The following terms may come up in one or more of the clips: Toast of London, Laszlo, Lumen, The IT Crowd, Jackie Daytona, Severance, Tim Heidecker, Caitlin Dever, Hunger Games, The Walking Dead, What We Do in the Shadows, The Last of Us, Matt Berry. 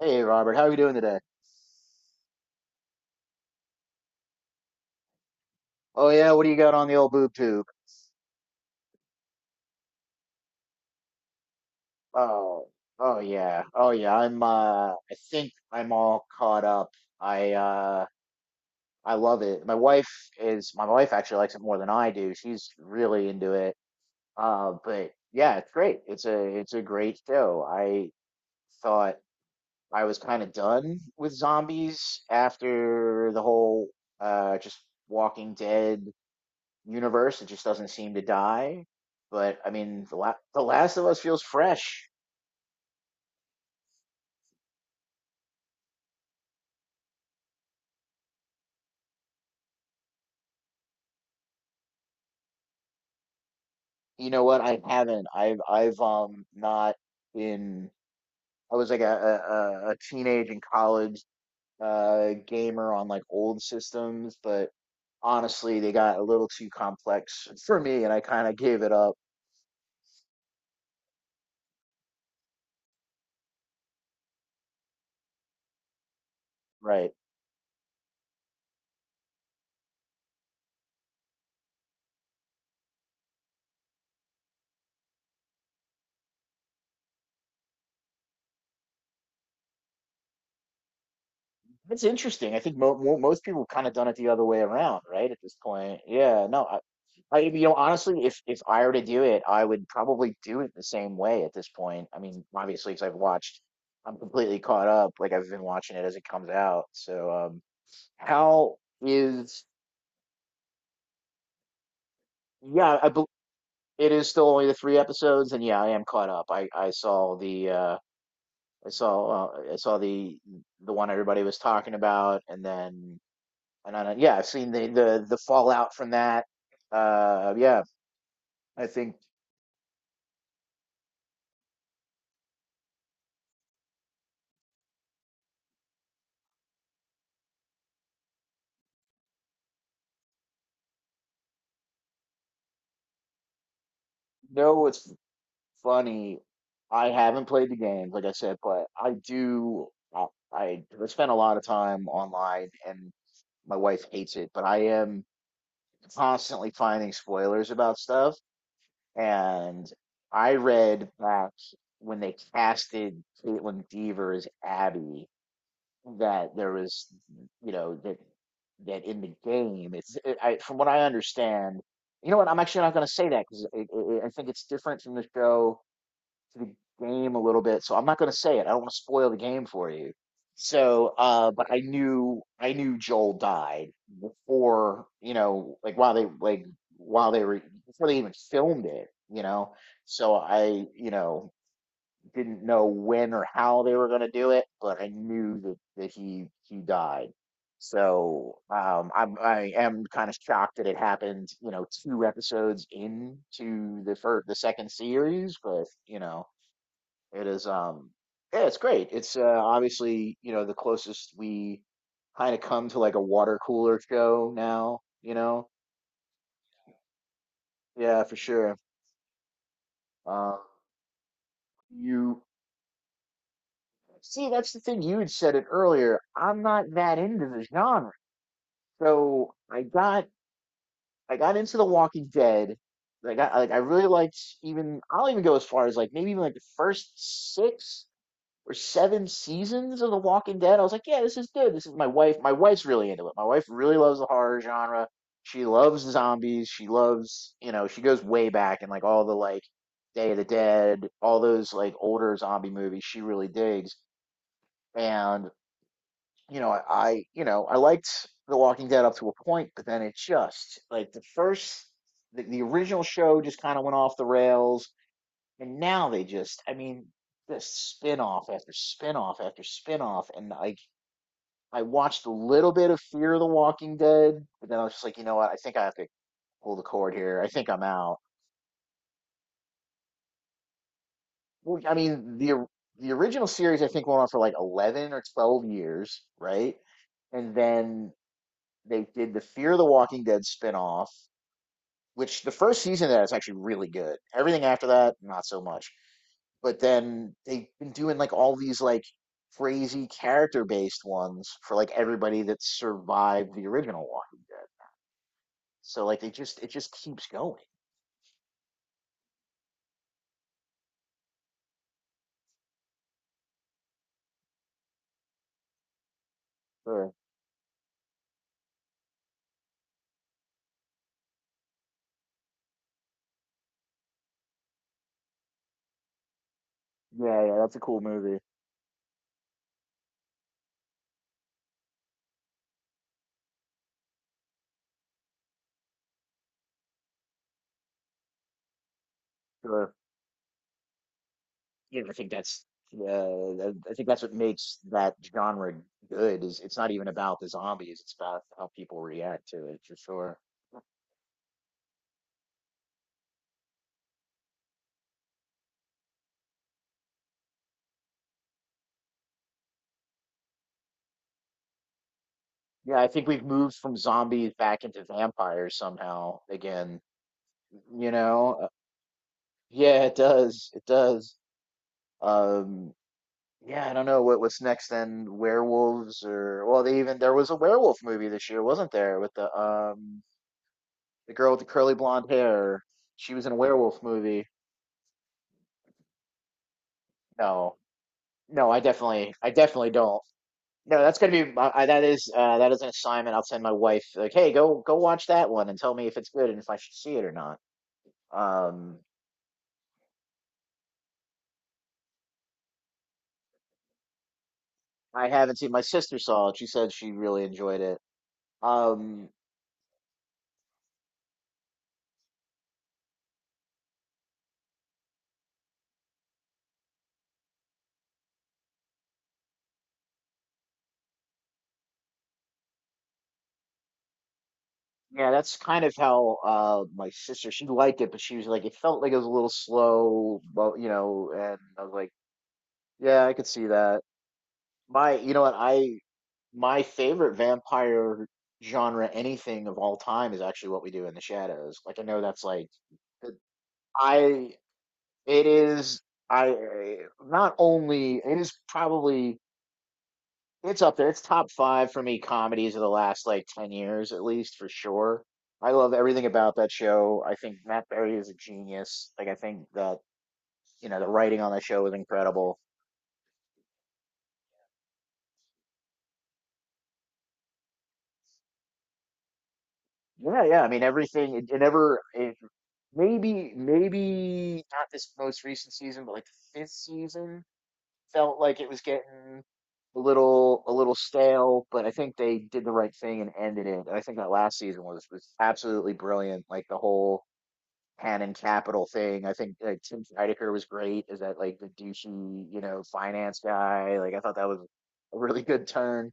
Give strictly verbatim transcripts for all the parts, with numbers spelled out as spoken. Hey, Robert, how are you doing today? Oh yeah, what do you got on the old boob tube? Oh, oh yeah, oh yeah. I'm uh, I think I'm all caught up. I uh, I love it. My wife is my wife actually likes it more than I do. She's really into it. Uh, but yeah, it's great. It's a it's a great show. I thought I was kind of done with zombies after the whole uh, just Walking Dead universe. It just doesn't seem to die. But I mean, the, La- the Last of Us feels fresh. You know what? I haven't. I've I've um not been. I was like a a, a a teenage and college uh gamer on like old systems, but honestly, they got a little too complex for me, and I kind of gave it up. Right. That's interesting. I think mo mo most people kind of done it the other way around, right? At this point, yeah. No, I, I, You know, honestly, if if I were to do it, I would probably do it the same way at this point. I mean, obviously, because I've watched, I'm completely caught up. Like I've been watching it as it comes out. So, um, how is? Yeah, I bel it is still only the three episodes, and yeah, I am caught up. I I saw the uh, I saw uh, I saw the the one everybody was talking about, and then. And I, yeah, I've seen the the the fallout from that. Uh, yeah, I think no, what's funny. I haven't played the games, like I said, but I do. I, I spend a lot of time online, and my wife hates it. But I am constantly finding spoilers about stuff, and I read back when they casted Caitlin Dever as Abby that there is, you know, that that in the game, it's it, I, from what I understand. You know what? I'm actually not going to say that because it, it, I think it's different from the show to the game a little bit. So I'm not going to say it. I don't want to spoil the game for you. So, uh, but I knew I knew Joel died before, you know, like while they like while they were before they even filmed it, you know. So I, you know, didn't know when or how they were going to do it, but I knew that, that he he died. So um, I'm I am kind of shocked that it happened, you know, two episodes into the first the second series, but you know, it is um yeah, it's great. It's uh, Obviously, you know, the closest we kind of come to like a water cooler show now, you know. Yeah, for sure. Uh, you see, that's the thing. You had said it earlier. I'm not that into the genre. So I got I got into The Walking Dead. Like, I got like I really liked, even I'll even go as far as like maybe even like the first six or seven seasons of The Walking Dead. I was like, yeah, this is good. This is my wife. My wife's really into it. My wife really loves the horror genre. She loves zombies. She loves, you know, she goes way back and like all the like Day of the Dead, all those like older zombie movies she really digs. And you know, I, you know, I liked The Walking Dead up to a point, but then it just like the first the, the original show just kind of went off the rails, and now they just, I mean, just spin-off after spin-off after spin-off, and I I watched a little bit of Fear the Walking Dead, but then I was just like, you know what, I think I have to pull the cord here. I think I'm out. Well, I mean, the the original series I think went on for like eleven or twelve years, right? And then they did the Fear the Walking Dead spin-off, which the first season of that is actually really good. Everything after that, not so much. But then they've been doing like all these like crazy character based ones for like everybody that survived the original Walking Dead. So like they just it just keeps going. Sure. Yeah, yeah, that's a cool movie. Sure. Yeah, I think that's yeah, I think that's what makes that genre good is it's not even about the zombies, it's about how people react to it for sure. Yeah, I think we've moved from zombies back into vampires somehow again. You know? Uh, Yeah, it does. It does. Um, yeah, I don't know what what's next then. Werewolves or well, they even there was a werewolf movie this year, wasn't there? With the um the girl with the curly blonde hair. She was in a werewolf movie. No. No, I definitely I definitely don't. No, that's gonna be my- I, that is uh that is an assignment. I'll send my wife like, "Hey, go go watch that one and tell me if it's good and if I should see it or not." Um, I haven't seen. My sister saw it. She said she really enjoyed it. Um, yeah, that's kind of how uh my sister, she liked it, but she was like it felt like it was a little slow, well, you know, and I was like, yeah, I could see that. My, you know what, I My favorite vampire genre anything of all time is actually what we do in the shadows. Like I know that's like I it is I eh, not only it is probably, it's up there. It's top five for me comedies of the last like ten years, at least for sure. I love everything about that show. I think Matt Berry is a genius. Like, I think that, you know, the writing on that show is incredible. Yeah, yeah. I mean, everything, it, it never, it, maybe, maybe not this most recent season, but like the fifth season felt like it was getting a little, a little stale, but I think they did the right thing and ended it. And I think that last season was, was absolutely brilliant. Like, the whole Canon Capital thing. I think like Tim Heidecker was great as that, like the douchey, you know, finance guy. Like I thought that was a really good turn.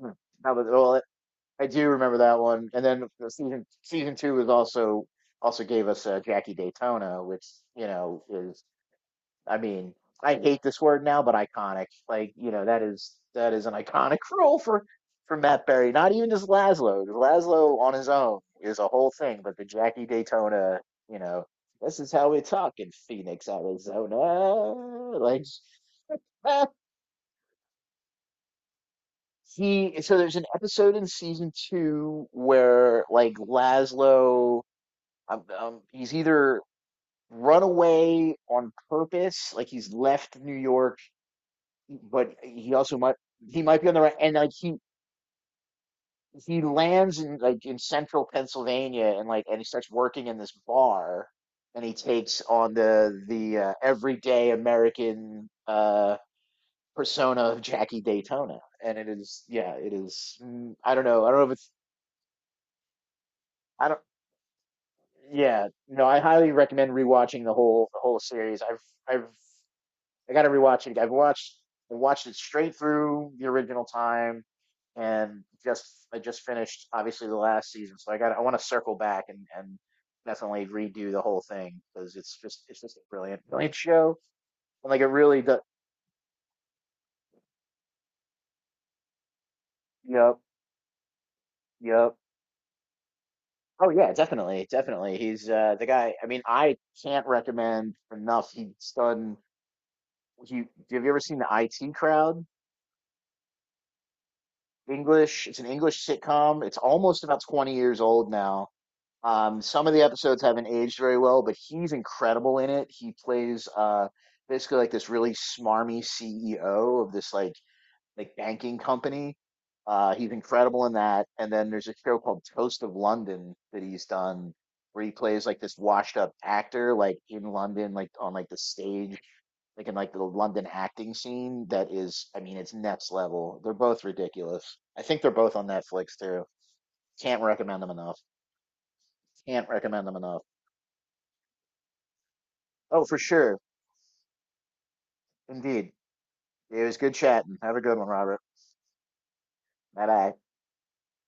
Hmm. That was well, I do remember that one. And then season season two was also also gave us uh, Jackie Daytona, which you know is I mean, I hate this word now, but iconic. Like, you know, that is that is an iconic role for for Matt Berry. Not even just Laszlo. Laszlo on his own is a whole thing, but the Jackie Daytona, you know, this is how we talk in Phoenix, Arizona. Like he so there's an episode in season two where like Laszlo um, um he's either run away on purpose, like he's left New York but he also might he might be on the right and like he he lands in like in central Pennsylvania and like and he starts working in this bar and he takes on the the uh, everyday American uh persona of Jackie Daytona and it is yeah it is mm, I don't know, I don't know if it's, I don't, yeah no, I highly recommend rewatching the whole the whole series. I've I've I got to rewatch it. I've watched I watched it straight through the original time, and just I just finished obviously the last season, so I got I want to circle back and and definitely redo the whole thing because it's just it's just a brilliant brilliant show and like it really does. Yep, yep. Oh yeah, definitely, definitely. He's uh the guy. I mean, I can't recommend enough. He's done. He Have you ever seen the I T Crowd? English. It's an English sitcom. It's almost about twenty years old now. Um, some of the episodes haven't aged very well, but he's incredible in it. He plays uh, basically like this really smarmy C E O of this like like banking company. Uh, he's incredible in that. And then there's a show called Toast of London that he's done where he plays like this washed up actor like in London, like on like the stage, like in like the London acting scene that is, I mean, it's next level. They're both ridiculous. I think they're both on Netflix too. Can't recommend them enough. Can't recommend them enough. Oh, for sure. Indeed. It was good chatting. Have a good one, Robert. Bye bye.